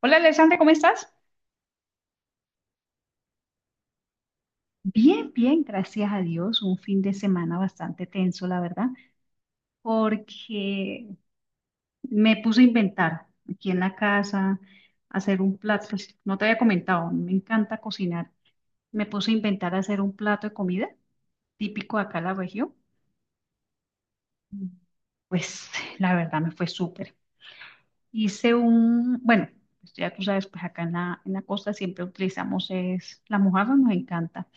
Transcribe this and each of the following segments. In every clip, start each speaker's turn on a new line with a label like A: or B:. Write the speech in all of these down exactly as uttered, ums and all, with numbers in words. A: Hola, Alexandra, ¿cómo estás? Bien, bien, gracias a Dios. Un fin de semana bastante tenso, la verdad, porque me puse a inventar aquí en la casa, hacer un plato. Pues no te había comentado, me encanta cocinar. Me puse a inventar hacer un plato de comida típico de acá en la región. Pues la verdad me fue súper. Hice un, bueno, pues, ya tú sabes, pues acá en la, en la costa siempre utilizamos es la mojarra, nos encanta.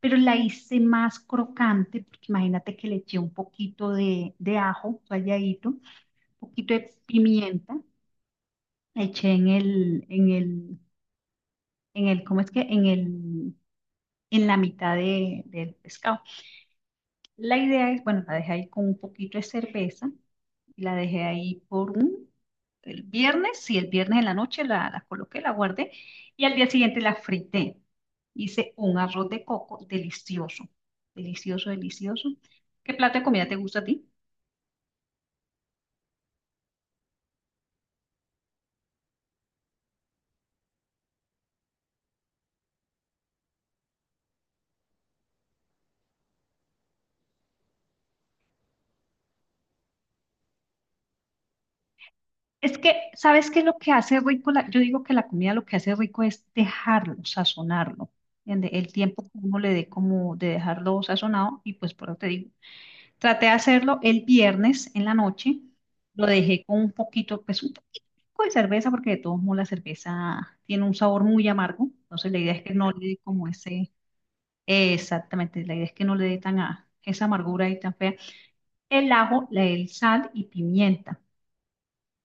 A: Pero la hice más crocante, porque imagínate que le eché un poquito de, de ajo ralladito, un poquito de pimienta, la eché en el, en el, en el, ¿cómo es que? En el, en la mitad de, del pescado. La idea es, bueno, la dejé ahí con un poquito de cerveza y la dejé ahí por un, el viernes, sí, el viernes en la noche la, la coloqué, la guardé y al día siguiente la frité. Hice un arroz de coco delicioso, delicioso, delicioso. ¿Qué plato de comida te gusta a ti? Es que, ¿sabes qué es lo que hace rico? La- yo digo que la comida lo que hace rico es dejarlo, sazonarlo. ¿Entiende? El tiempo que uno le dé como de dejarlo sazonado, y pues por eso te digo, traté de hacerlo el viernes en la noche. Lo dejé con un poquito, pues un poquito de cerveza, porque de todos modos la cerveza tiene un sabor muy amargo. Entonces la idea es que no le dé como ese, eh, exactamente, la idea es que no le dé tan a- esa amargura y tan fea. El ajo, la- el sal y pimienta.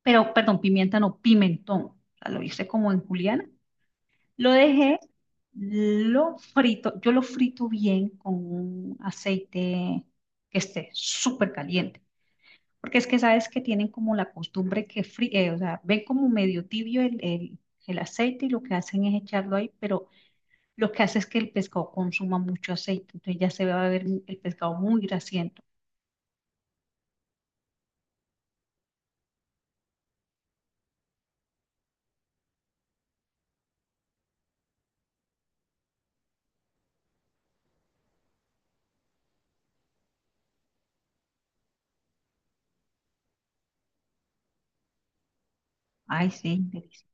A: Pero, perdón, pimienta no, pimentón. O sea, lo hice como en juliana. Lo dejé, lo frito, yo lo frito bien con un aceite que esté súper caliente. Porque es que sabes que tienen como la costumbre que fri- eh, o sea, ven como medio tibio el, el- el aceite y lo que hacen es echarlo ahí, pero lo que hace es que el pescado consuma mucho aceite, entonces ya se va a ver el pescado muy grasiento. Ay, sí, delicioso.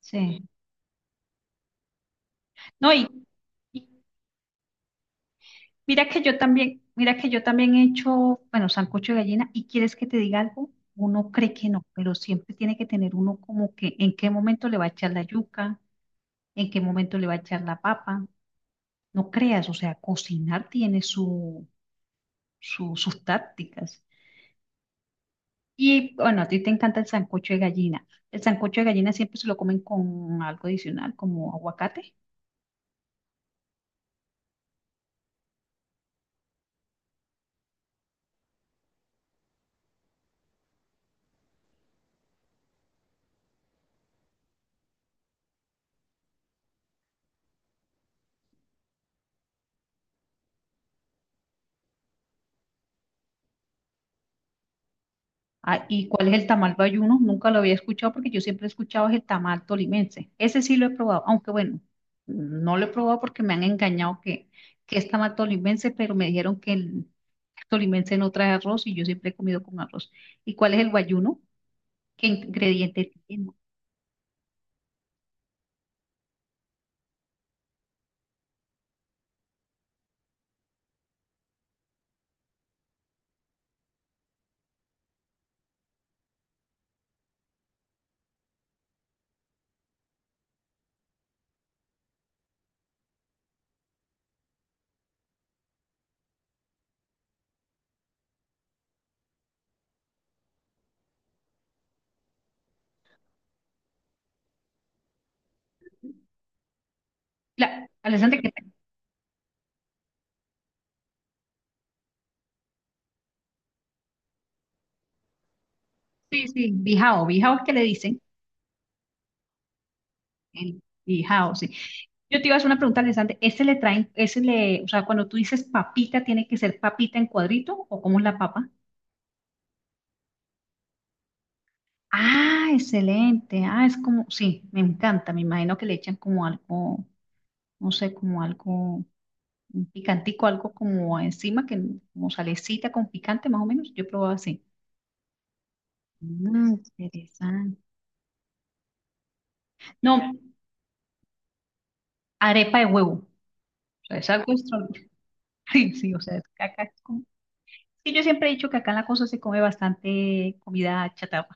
A: Sí. No, y, y mira que yo también, mira que yo también he hecho, bueno, sancocho de gallina, y quieres que te diga algo, uno cree que no, pero siempre tiene que tener uno como que en qué momento le va a echar la yuca, en qué momento le va a echar la papa. No creas, o sea, cocinar tiene su, su- sus tácticas. Y bueno, a ti te encanta el sancocho de gallina. El sancocho de gallina siempre se lo comen con algo adicional, como aguacate. Ah, ¿y cuál es el tamal bayuno? Nunca lo había escuchado porque yo siempre he escuchado es el tamal tolimense. Ese sí lo he probado, aunque bueno, no lo he probado porque me han engañado que, que es tamal tolimense, pero me dijeron que el tolimense no trae arroz y yo siempre he comido con arroz. ¿Y cuál es el bayuno? ¿Qué ingrediente tiene? La, Alessandra, ¿qué sí, sí, bijao, bijao es que le dicen, el bijao, sí. Yo te iba a hacer una pregunta, Alessandra, ¿ese le traen, ese le, o sea, cuando tú dices papita, tiene que ser papita en cuadrito o cómo es la papa? Ah, excelente, ah, es como, sí, me encanta, me imagino que le echan como algo, no sé, como algo, un picantico, algo como encima, que como salecita con picante más o menos, yo he probado así. Mm, interesante. No, arepa de huevo, o sea, es algo extraordinario, sí, sí, o sea, es caca. Sí, yo siempre he dicho que acá en la costa se come bastante comida chatarra,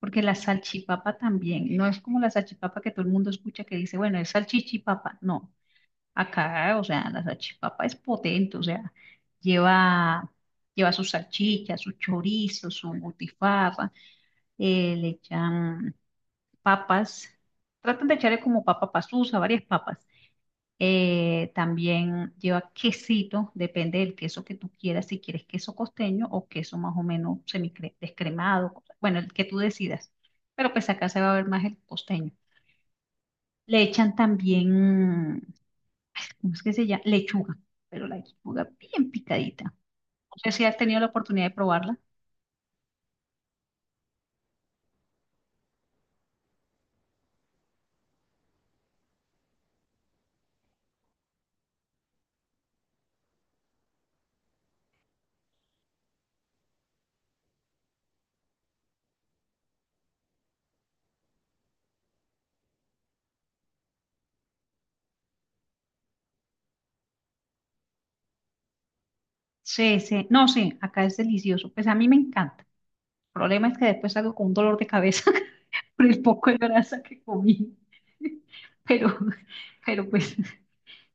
A: porque la salchipapa también, no es como la salchipapa que todo el mundo escucha que dice, bueno, es salchichipapa, no, acá, o sea, la salchipapa es potente, o sea, lleva, lleva su salchicha, su chorizo, su butifarra, eh, le echan papas, tratan de echarle como papa pasusa, varias papas. Eh, también lleva quesito, depende del queso que tú quieras, si quieres queso costeño o queso más o menos semidescremado, bueno, el que tú decidas. Pero pues acá se va a ver más el costeño. Le echan también, ¿cómo es que se llama? Lechuga, pero la lechuga bien picadita. No sé si has tenido la oportunidad de probarla. Sí, sí, no, sí, acá es delicioso. Pues a mí me encanta. El problema es que después salgo con un dolor de cabeza por el poco de grasa que comí. Pero, pero pues.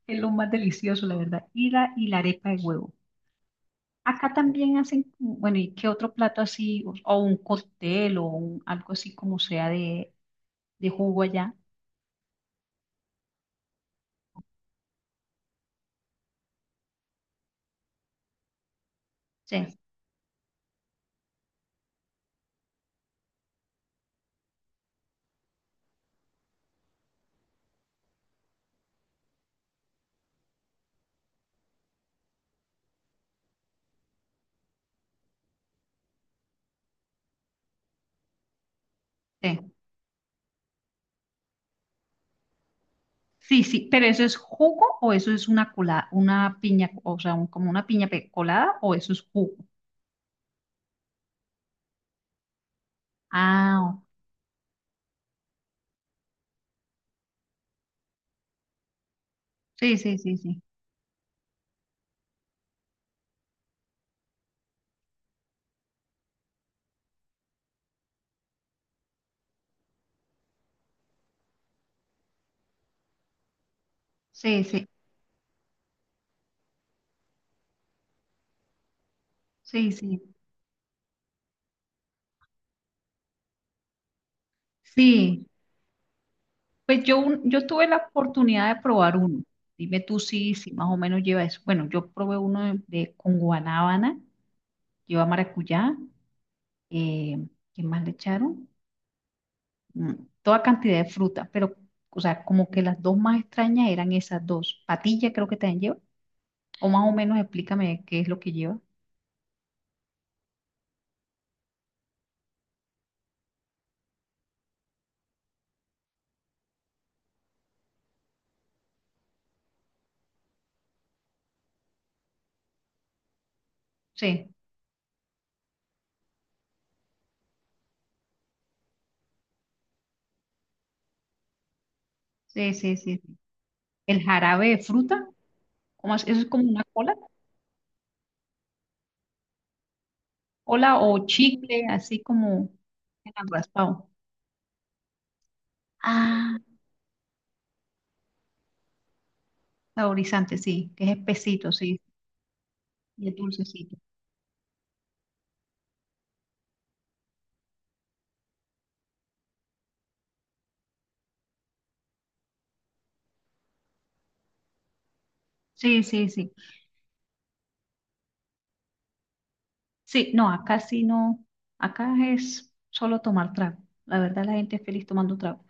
A: Es lo más delicioso, la verdad. Y la, y la arepa de huevo. Acá también hacen, bueno, ¿y qué otro plato así? O, o un cóctel o un- algo así como sea de, de jugo allá. Sí, sí. Sí, sí, pero ¿eso es jugo o eso es una colada, una piña, o sea, un- como una piña pe- colada o eso es jugo? Ah, o- sí, sí, sí, sí. Sí, sí, sí, sí. Sí, pues yo, un- yo tuve la oportunidad de probar uno. Dime tú si, si más o menos lleva eso. Bueno, yo probé uno de, de- con guanábana, lleva maracuyá, eh, ¿qué más le echaron? Mm, toda cantidad de fruta, pero, o sea, como que las dos más extrañas eran esas dos. Patilla creo que también lleva, o más o menos explícame qué es lo que lleva. Sí, sí, sí, sí. Sí. El jarabe de fruta, ¿cómo es? ¿Eso es como una cola? Cola o chicle, así como en el raspado. Ah. Saborizante, sí, que es espesito, sí, y es dulcecito. Sí, sí, sí. Sí, no, acá sí no, acá es solo tomar trago. La verdad, la gente es feliz tomando trago.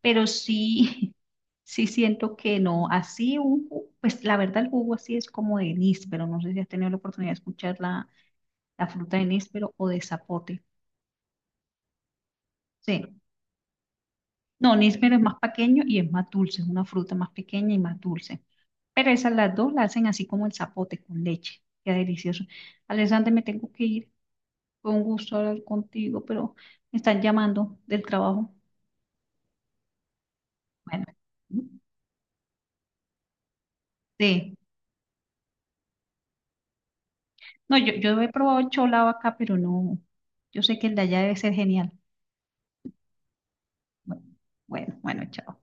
A: Pero sí, sí siento que no, así un jugo, pues la verdad el jugo así es como de níspero, no sé si has tenido la oportunidad de escuchar la, la fruta de níspero o de zapote. Sí. No, níspero es más pequeño y es más dulce, es una fruta más pequeña y más dulce. Pero esas las dos la hacen así como el zapote con leche. Qué delicioso. Alexander, me tengo que ir. Fue un gusto hablar contigo, pero me están llamando del trabajo. Bueno, sí. No, yo, yo he probado el cholado acá, pero no. Yo sé que el de allá debe ser genial. Bueno, bueno, bueno, chao.